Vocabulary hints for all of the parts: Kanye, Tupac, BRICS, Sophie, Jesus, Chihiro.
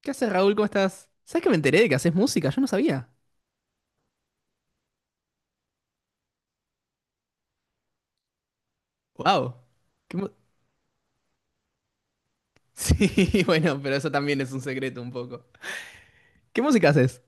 ¿Qué haces, Raúl? ¿Cómo estás? ¿Sabes que me enteré de que haces música? Yo no sabía. ¡Wow! Sí, bueno, pero eso también es un secreto un poco. ¿Qué música haces?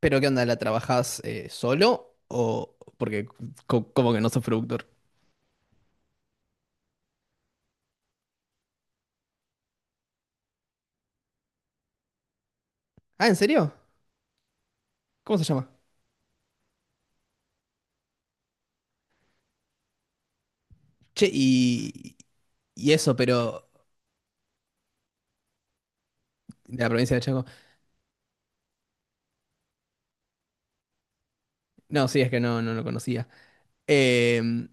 ¿Pero qué onda? ¿La trabajás solo o porque como que no sos productor? Ah, ¿en serio? ¿Cómo se llama? Che, y eso, pero de la provincia de Chaco. No, sí, es que no lo conocía. Em,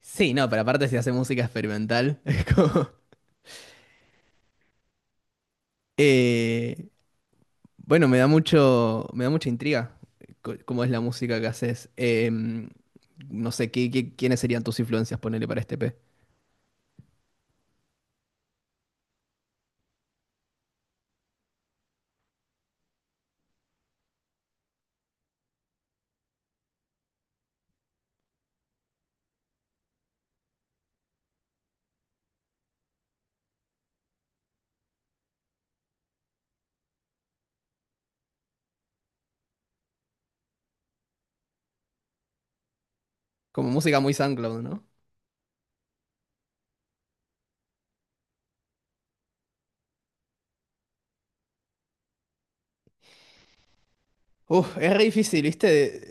sí, no, pero aparte si hace música experimental, es como eh, bueno, me da mucha intriga cómo es la música que haces. No sé, ¿quiénes serían tus influencias, ponele para este P? Como música muy SoundCloud, ¿no? Uf, es re difícil, ¿viste?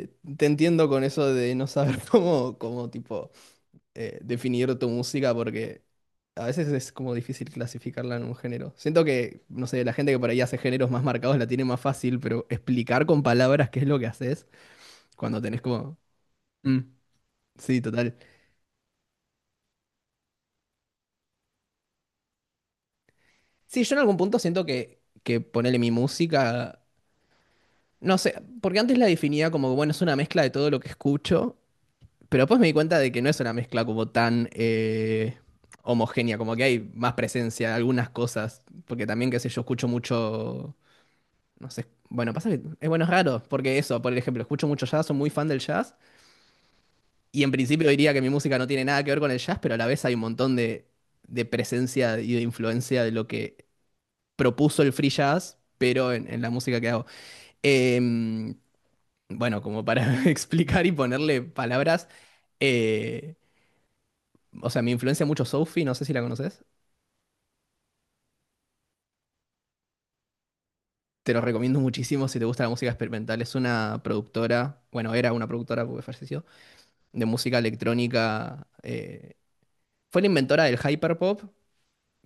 Te entiendo con eso de no saber cómo tipo, definir tu música, porque a veces es como difícil clasificarla en un género. Siento que, no sé, la gente que por ahí hace géneros más marcados la tiene más fácil, pero explicar con palabras qué es lo que haces cuando tenés como... Mm, sí, total. Sí, yo en algún punto siento que, ponerle mi música, no sé, porque antes la definía como, que, bueno, es una mezcla de todo lo que escucho, pero después me di cuenta de que no es una mezcla como tan homogénea, como que hay más presencia, algunas cosas, porque también, qué sé yo, escucho mucho, no sé, bueno, pasa que es bueno, es raro, porque eso, por ejemplo, escucho mucho jazz, soy muy fan del jazz, y en principio diría que mi música no tiene nada que ver con el jazz, pero a la vez hay un montón de presencia y de influencia de lo que propuso el free jazz, pero en la música que hago. Em, bueno, como para explicar y ponerle palabras, eh, o sea, me influencia mucho Sophie, no sé si la conoces. Te lo recomiendo muchísimo si te gusta la música experimental. Es una productora, bueno, era una productora porque falleció, de música electrónica. Fue la inventora del hyperpop,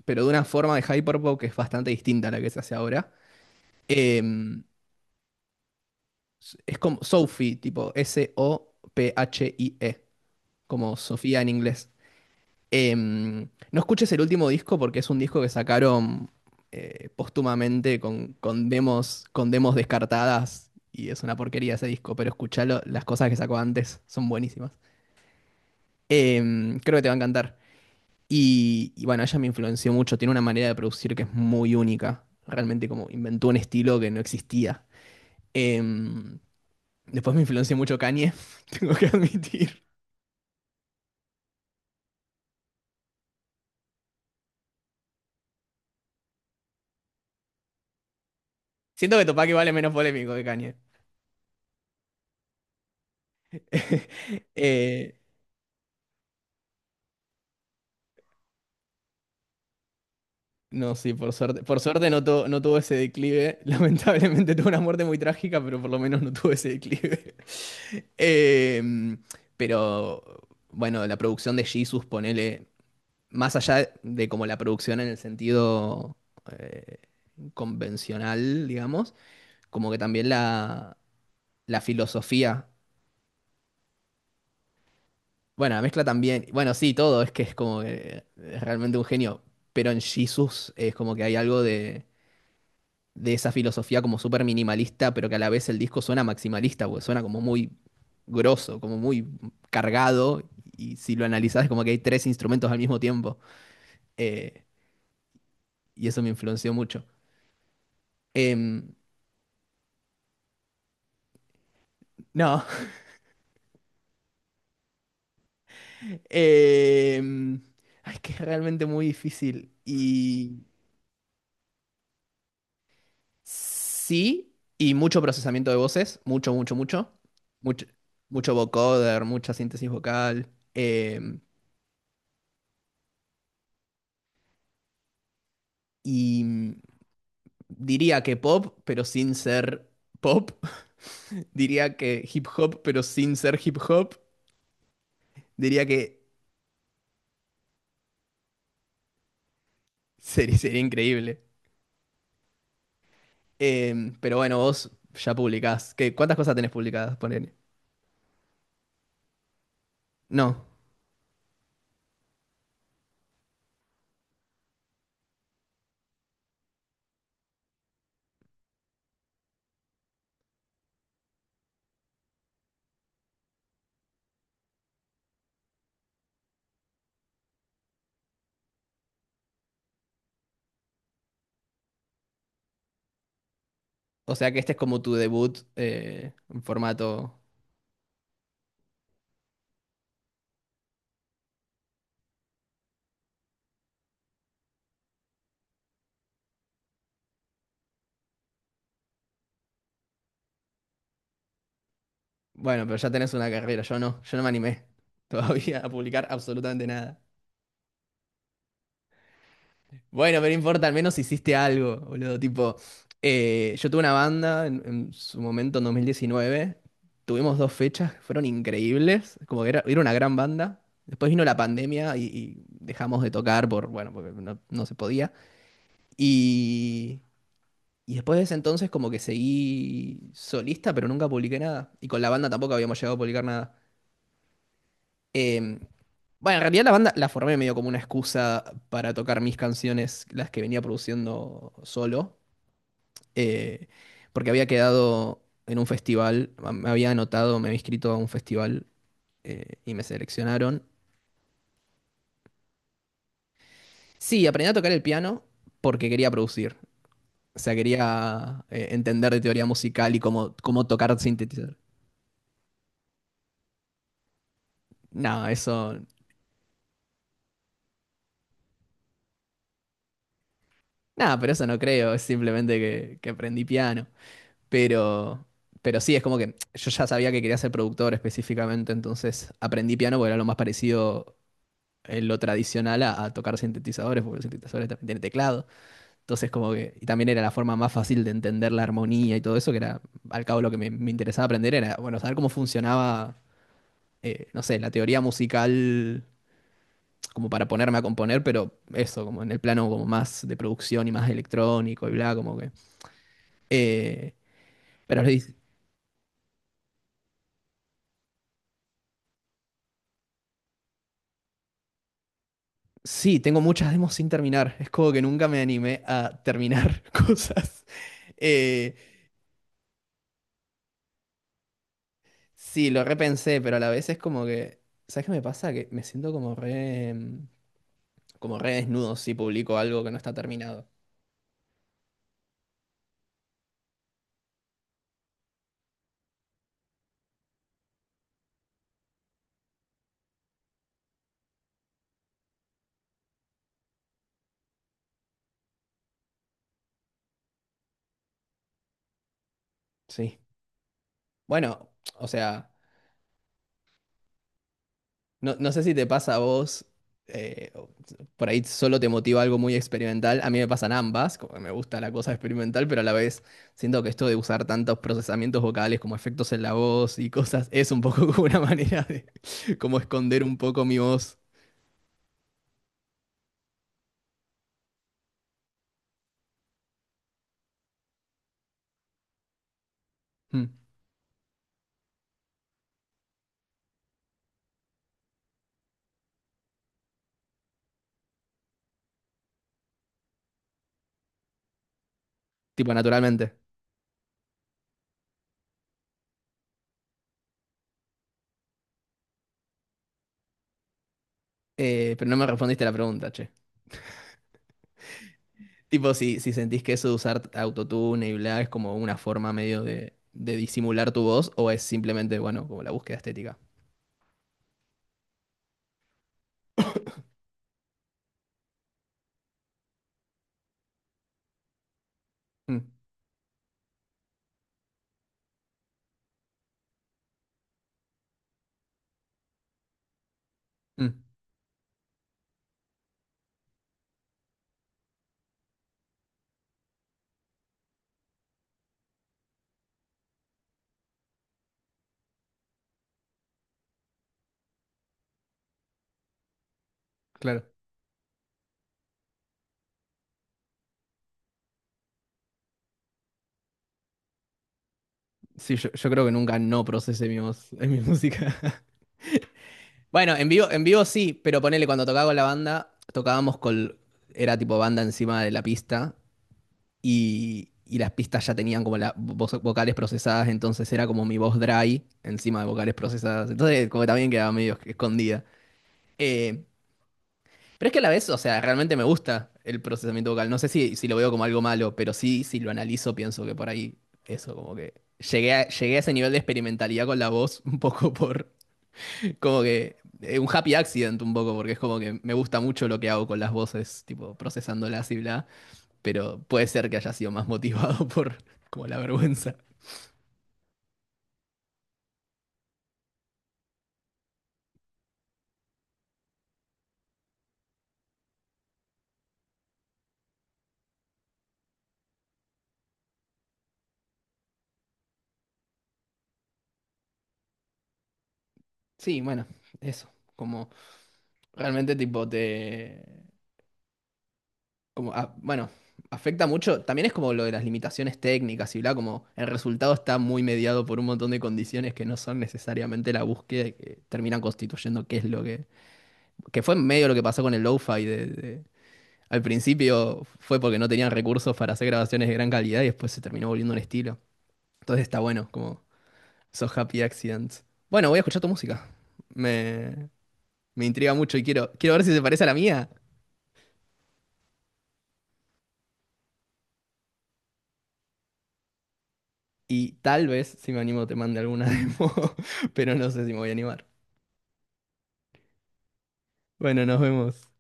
pero de una forma de hyperpop que es bastante distinta a la que se hace ahora. Em, es como Sophie, tipo S-O-P-H-I-E. Como Sofía en inglés. No escuches el último disco porque es un disco que sacaron póstumamente con demos, con demos descartadas y es una porquería ese disco, pero escuchalo, las cosas que sacó antes son buenísimas. Creo que te va a encantar. Y bueno, ella me influenció mucho, tiene una manera de producir que es muy única, realmente como inventó un estilo que no existía. Em, Después me influenció mucho Kanye, tengo que admitir. Siento que Tupac igual es menos polémico que Kanye. Eh, no, sí, por suerte. Por suerte no, no tuvo ese declive. Lamentablemente tuvo una muerte muy trágica, pero por lo menos no tuvo ese declive. Em, pero bueno, la producción de Jesus, ponele, más allá de como la producción en el sentido eh, convencional, digamos, como que también la, filosofía. Bueno, la mezcla también. Bueno, sí, todo, es que es como que es realmente un genio. Pero en Jesus es como que hay algo de esa filosofía como súper minimalista, pero que a la vez el disco suena maximalista, porque suena como muy grosso, como muy cargado, y si lo analizás es como que hay tres instrumentos al mismo tiempo, eh, y eso me influenció mucho. Em, no, em, ay, es que es realmente muy difícil, y sí, y mucho procesamiento de voces, mucho, mucho, mucho, mucho, mucho vocoder, mucha síntesis vocal, em, y... Diría que pop, pero sin ser pop. Diría que hip hop, pero sin ser hip hop. Diría que sería, sería increíble. Pero bueno, vos ya publicás. ¿Qué, cuántas cosas tenés publicadas? Ponele. No. O sea que este es como tu debut en formato. Bueno, pero ya tenés una carrera. Yo no. Yo no me animé todavía a publicar absolutamente nada. Bueno, pero no importa, al menos hiciste algo, boludo. Tipo, yo tuve una banda en, su momento en 2019. Tuvimos dos fechas que fueron increíbles. Como que era, era una gran banda. Después vino la pandemia y dejamos de tocar por, bueno, porque no, no se podía. Y, y después de ese entonces como que seguí solista, pero nunca publiqué nada. Y con la banda tampoco habíamos llegado a publicar nada. Em, bueno, en realidad la banda la formé medio como una excusa para tocar mis canciones, las que venía produciendo solo. eh, Porque había quedado en un festival, me había anotado, me había inscrito a un festival y me seleccionaron. Sí, aprendí a tocar el piano porque quería producir. O sea, quería entender de teoría musical y cómo, tocar sintetizador. No, eso. Nada, pero eso no creo, es simplemente que aprendí piano. Pero, pero sí, es como que yo ya sabía que quería ser productor específicamente, entonces aprendí piano porque era lo más parecido en lo tradicional a tocar sintetizadores, porque los sintetizadores también tienen teclado. Entonces, como que, y también era la forma más fácil de entender la armonía y todo eso, que era, al cabo, lo que me interesaba aprender era, bueno, saber cómo funcionaba, no sé, la teoría musical, como para ponerme a componer, pero eso, como en el plano como más de producción y más electrónico y bla, como que. eh, pero le dice, sí, tengo muchas demos sin terminar. Es como que nunca me animé a terminar cosas. Eh, Sí, lo repensé, pero a la vez es como que, ¿sabes qué me pasa? Que me siento como re, como re desnudo si publico algo que no está terminado. Sí. Bueno, o sea, no, no sé si te pasa a vos, eh, o- por ahí solo te motiva algo muy experimental. A mí me pasan ambas, como que me gusta la cosa experimental, pero a la vez siento que esto de usar tantos procesamientos vocales como efectos en la voz y cosas es un poco como una manera de como esconder un poco mi voz, mm, tipo naturalmente. Pero no me respondiste la pregunta, che. Tipo, si, sentís que eso de usar autotune y bla es como una forma medio de disimular tu voz, o es simplemente, bueno, como la búsqueda estética. Mm, mm, claro. Sí, yo creo que nunca no procesé mi voz en mi música. Bueno, en vivo sí, pero ponele, cuando tocaba con la banda, tocábamos con. Era tipo banda encima de la pista y las pistas ya tenían como las vocales procesadas, entonces era como mi voz dry encima de vocales procesadas. Entonces, como que también quedaba medio escondida. Eh, Pero es que a la vez, o sea, realmente me gusta el procesamiento vocal. No sé si, lo veo como algo malo, pero sí, si lo analizo, pienso que por ahí eso, como que llegué a ese nivel de experimentalidad con la voz, un poco por, como que, un happy accident, un poco, porque es como que me gusta mucho lo que hago con las voces, tipo, procesándolas y bla, pero puede ser que haya sido más motivado por, como la vergüenza. Sí, bueno, eso, como realmente tipo te... Como, ah, bueno, afecta mucho. También es como lo de las limitaciones técnicas y bla, como el resultado está muy mediado por un montón de condiciones que no son necesariamente la búsqueda y que terminan constituyendo qué es lo que. Que fue medio lo que pasó con el lo-fi. Al principio fue porque no tenían recursos para hacer grabaciones de gran calidad y después se terminó volviendo un estilo. Entonces está bueno, como esos happy accidents. Bueno, voy a escuchar tu música. Me, me intriga mucho y quiero ver si se parece a la mía. Y tal vez, si me animo, te mande alguna demo, pero no sé si me voy a animar. Bueno, nos vemos.